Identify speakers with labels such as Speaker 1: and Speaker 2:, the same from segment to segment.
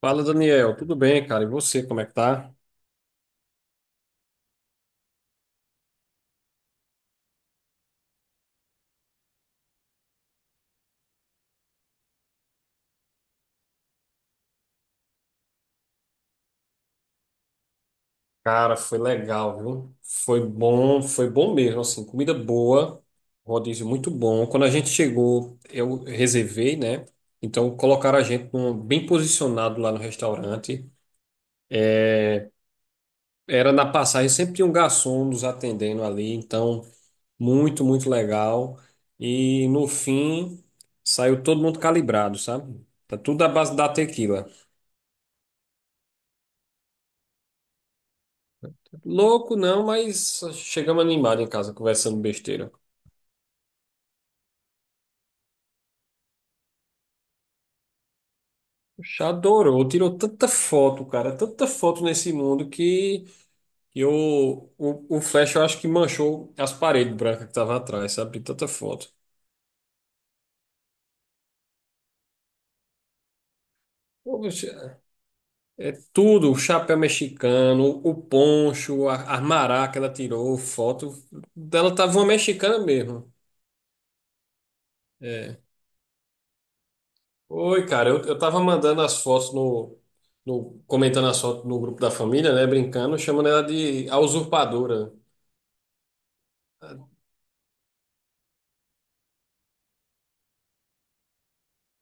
Speaker 1: Fala, Daniel. Tudo bem, cara? E você, como é que tá? Cara, foi legal, viu? Foi bom mesmo, assim, comida boa, rodízio muito bom. Quando a gente chegou, eu reservei, né? Então colocaram a gente num- bem posicionado lá no restaurante. Era na passagem, sempre tinha um garçom nos atendendo ali, então muito, muito legal. E no fim, saiu todo mundo calibrado, sabe? Tá tudo à base da tequila. Louco não, mas chegamos animados em casa conversando besteira. Já adorou, tirou tanta foto, cara, tanta foto nesse mundo que eu, o flash eu acho que manchou as paredes brancas que tava atrás, sabe? De tanta foto. Pô, bicho, é é tudo, o chapéu mexicano, o poncho, a maraca que ela tirou, foto dela tava uma mexicana mesmo. É, oi, cara, eu tava mandando as fotos no, no- comentando as fotos no grupo da família, né? Brincando, chamando ela de a usurpadora.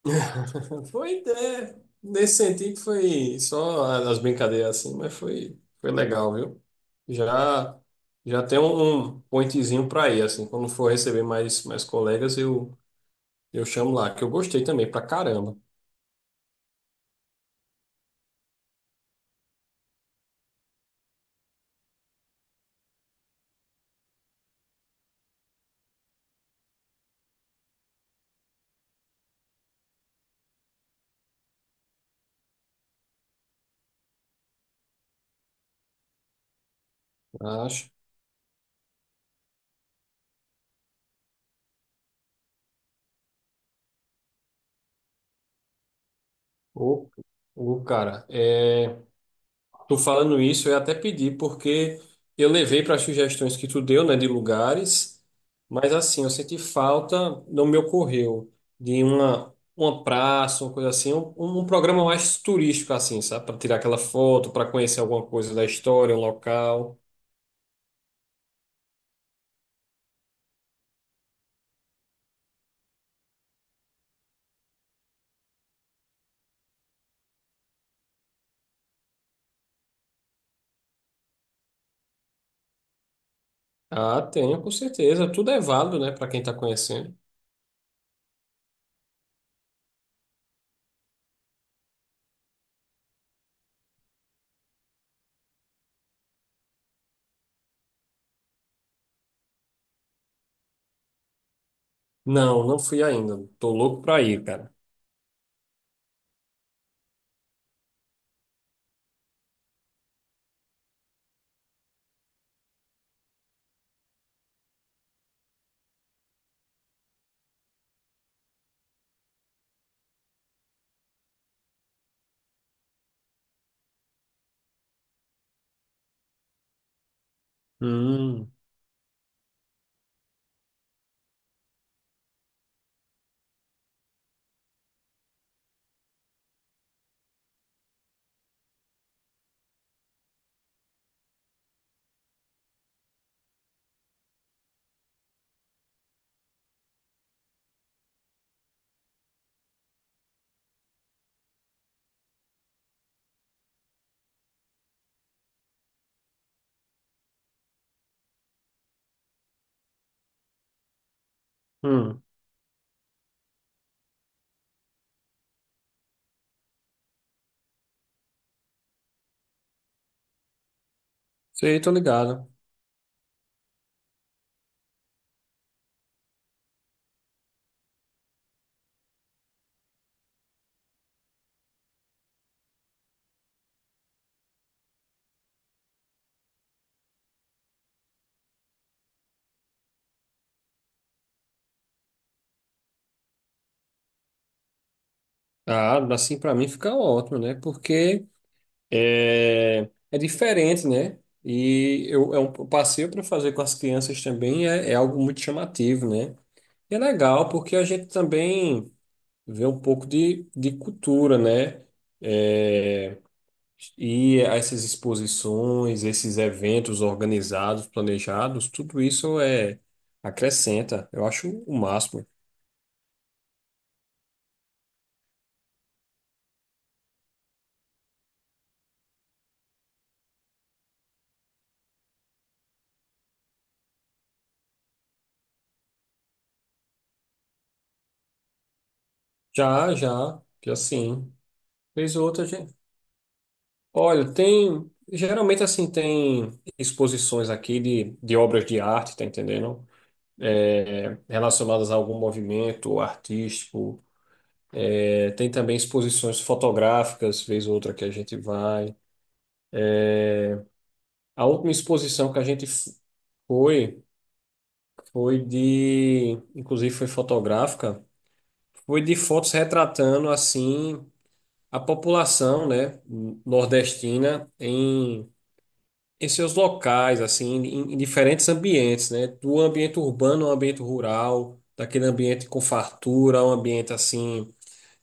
Speaker 1: Foi é, nesse sentido foi só as brincadeiras assim, mas foi, foi legal, viu? Já já tem um, um pointzinho pra ir, assim, quando for receber mais, mais colegas, eu chamo lá, que eu gostei também, pra caramba. Acho. Ô, ô, cara, é, tu falando isso, eu até pedi, porque eu levei para as sugestões que tu deu, né, de lugares, mas assim, eu senti falta, não me ocorreu, de uma praça, uma coisa assim, um, um programa mais turístico, assim, sabe, para tirar aquela foto, para conhecer alguma coisa da história, um local. Ah, tenho, com certeza, tudo é válido, né, para quem tá conhecendo. Não, não fui ainda, tô louco pra ir, cara. Hum, hum, sei, tô ligado. Ah, assim para mim fica ótimo, né? Porque é, é diferente, né? E eu, é um passeio para fazer com as crianças também é, é algo muito chamativo, né? E é legal porque a gente também vê um pouco de cultura, né? É, e essas exposições, esses eventos organizados, planejados, tudo isso é acrescenta. Eu acho o máximo. Já, já, já sim. Fez outra, gente. Olha, tem. Geralmente, assim, tem exposições aqui de obras de arte, tá entendendo? Relacionadas a algum movimento artístico. É, tem também exposições fotográficas, vez ou outra que a gente vai. A última exposição que a gente f- foi, foi de. Inclusive, foi fotográfica. Foi de fotos retratando, assim, a população, né, nordestina em seus locais, assim, em diferentes ambientes, né? Do ambiente urbano ao ambiente rural, daquele ambiente com fartura, um ambiente assim,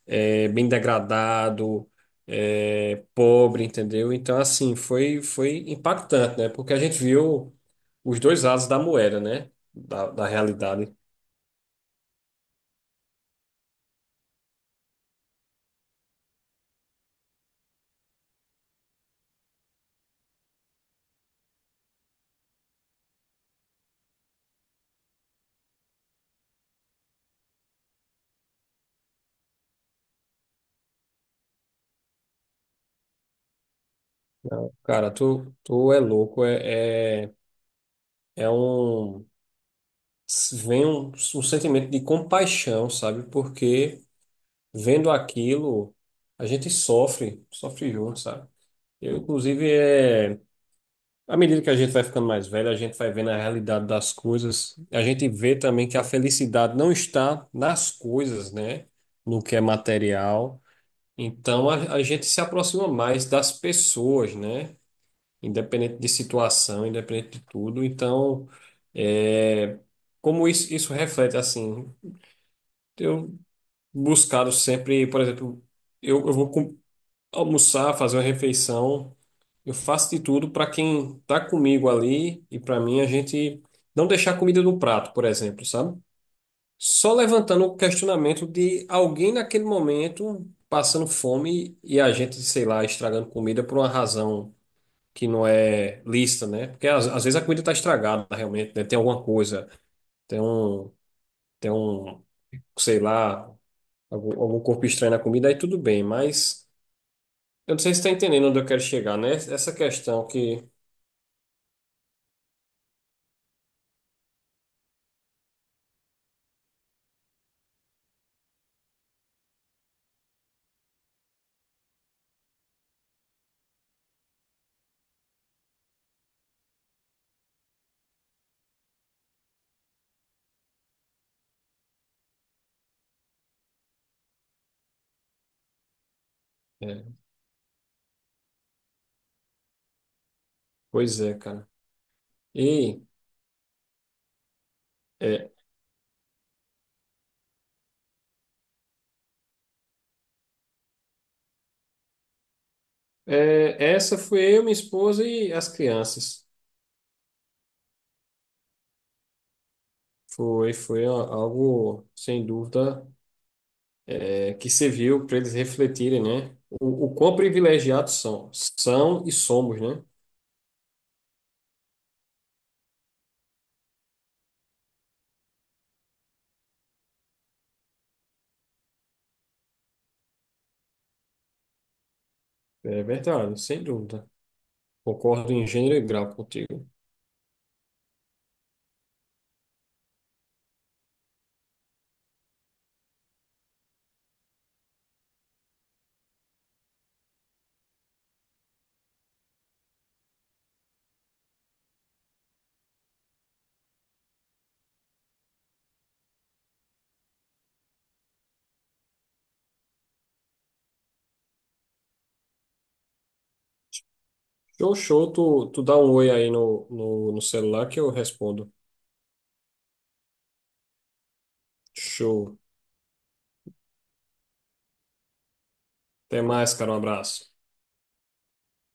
Speaker 1: é, bem degradado, é, pobre, entendeu? Então, assim, foi, foi impactante, né? Porque a gente viu os dois lados da moeda, né? Da realidade. Cara, tu é louco, é, é, é um. Vem um sentimento de compaixão, sabe? Porque, vendo aquilo, a gente sofre, sofre junto, sabe? Eu, inclusive, à medida que a gente vai ficando mais velho, a gente vai vendo a realidade das coisas. A gente vê também que a felicidade não está nas coisas, né? No que é material. Então, a gente se aproxima mais das pessoas, né? Independente de situação, independente de tudo. Então, é... como isso reflete, assim, eu buscado sempre, por exemplo, eu vou almoçar, fazer uma refeição. Eu faço de tudo para quem tá comigo ali e para mim a gente não deixar a comida no prato, por exemplo, sabe? Só levantando o questionamento de alguém naquele momento passando fome e a gente, sei lá, estragando comida por uma razão que não é lícita, né? Porque às vezes a comida tá estragada realmente, né? Tem alguma coisa, tem um, tem um, sei lá, algum corpo estranho na comida, aí tudo bem, mas eu não sei se está entendendo onde eu quero chegar, né? Essa questão que é, pois é, cara. E é, é, essa foi eu, minha esposa e as crianças. Foi, foi a- algo, sem dúvida, é, que serviu para eles refletirem, né? O quão privilegiados são. São e somos, né? É verdade, sem dúvida. Concordo em gênero e grau contigo. Show, show. Tu, tu dá um oi aí no, no, no celular que eu respondo. Show. Até mais, cara. Um abraço.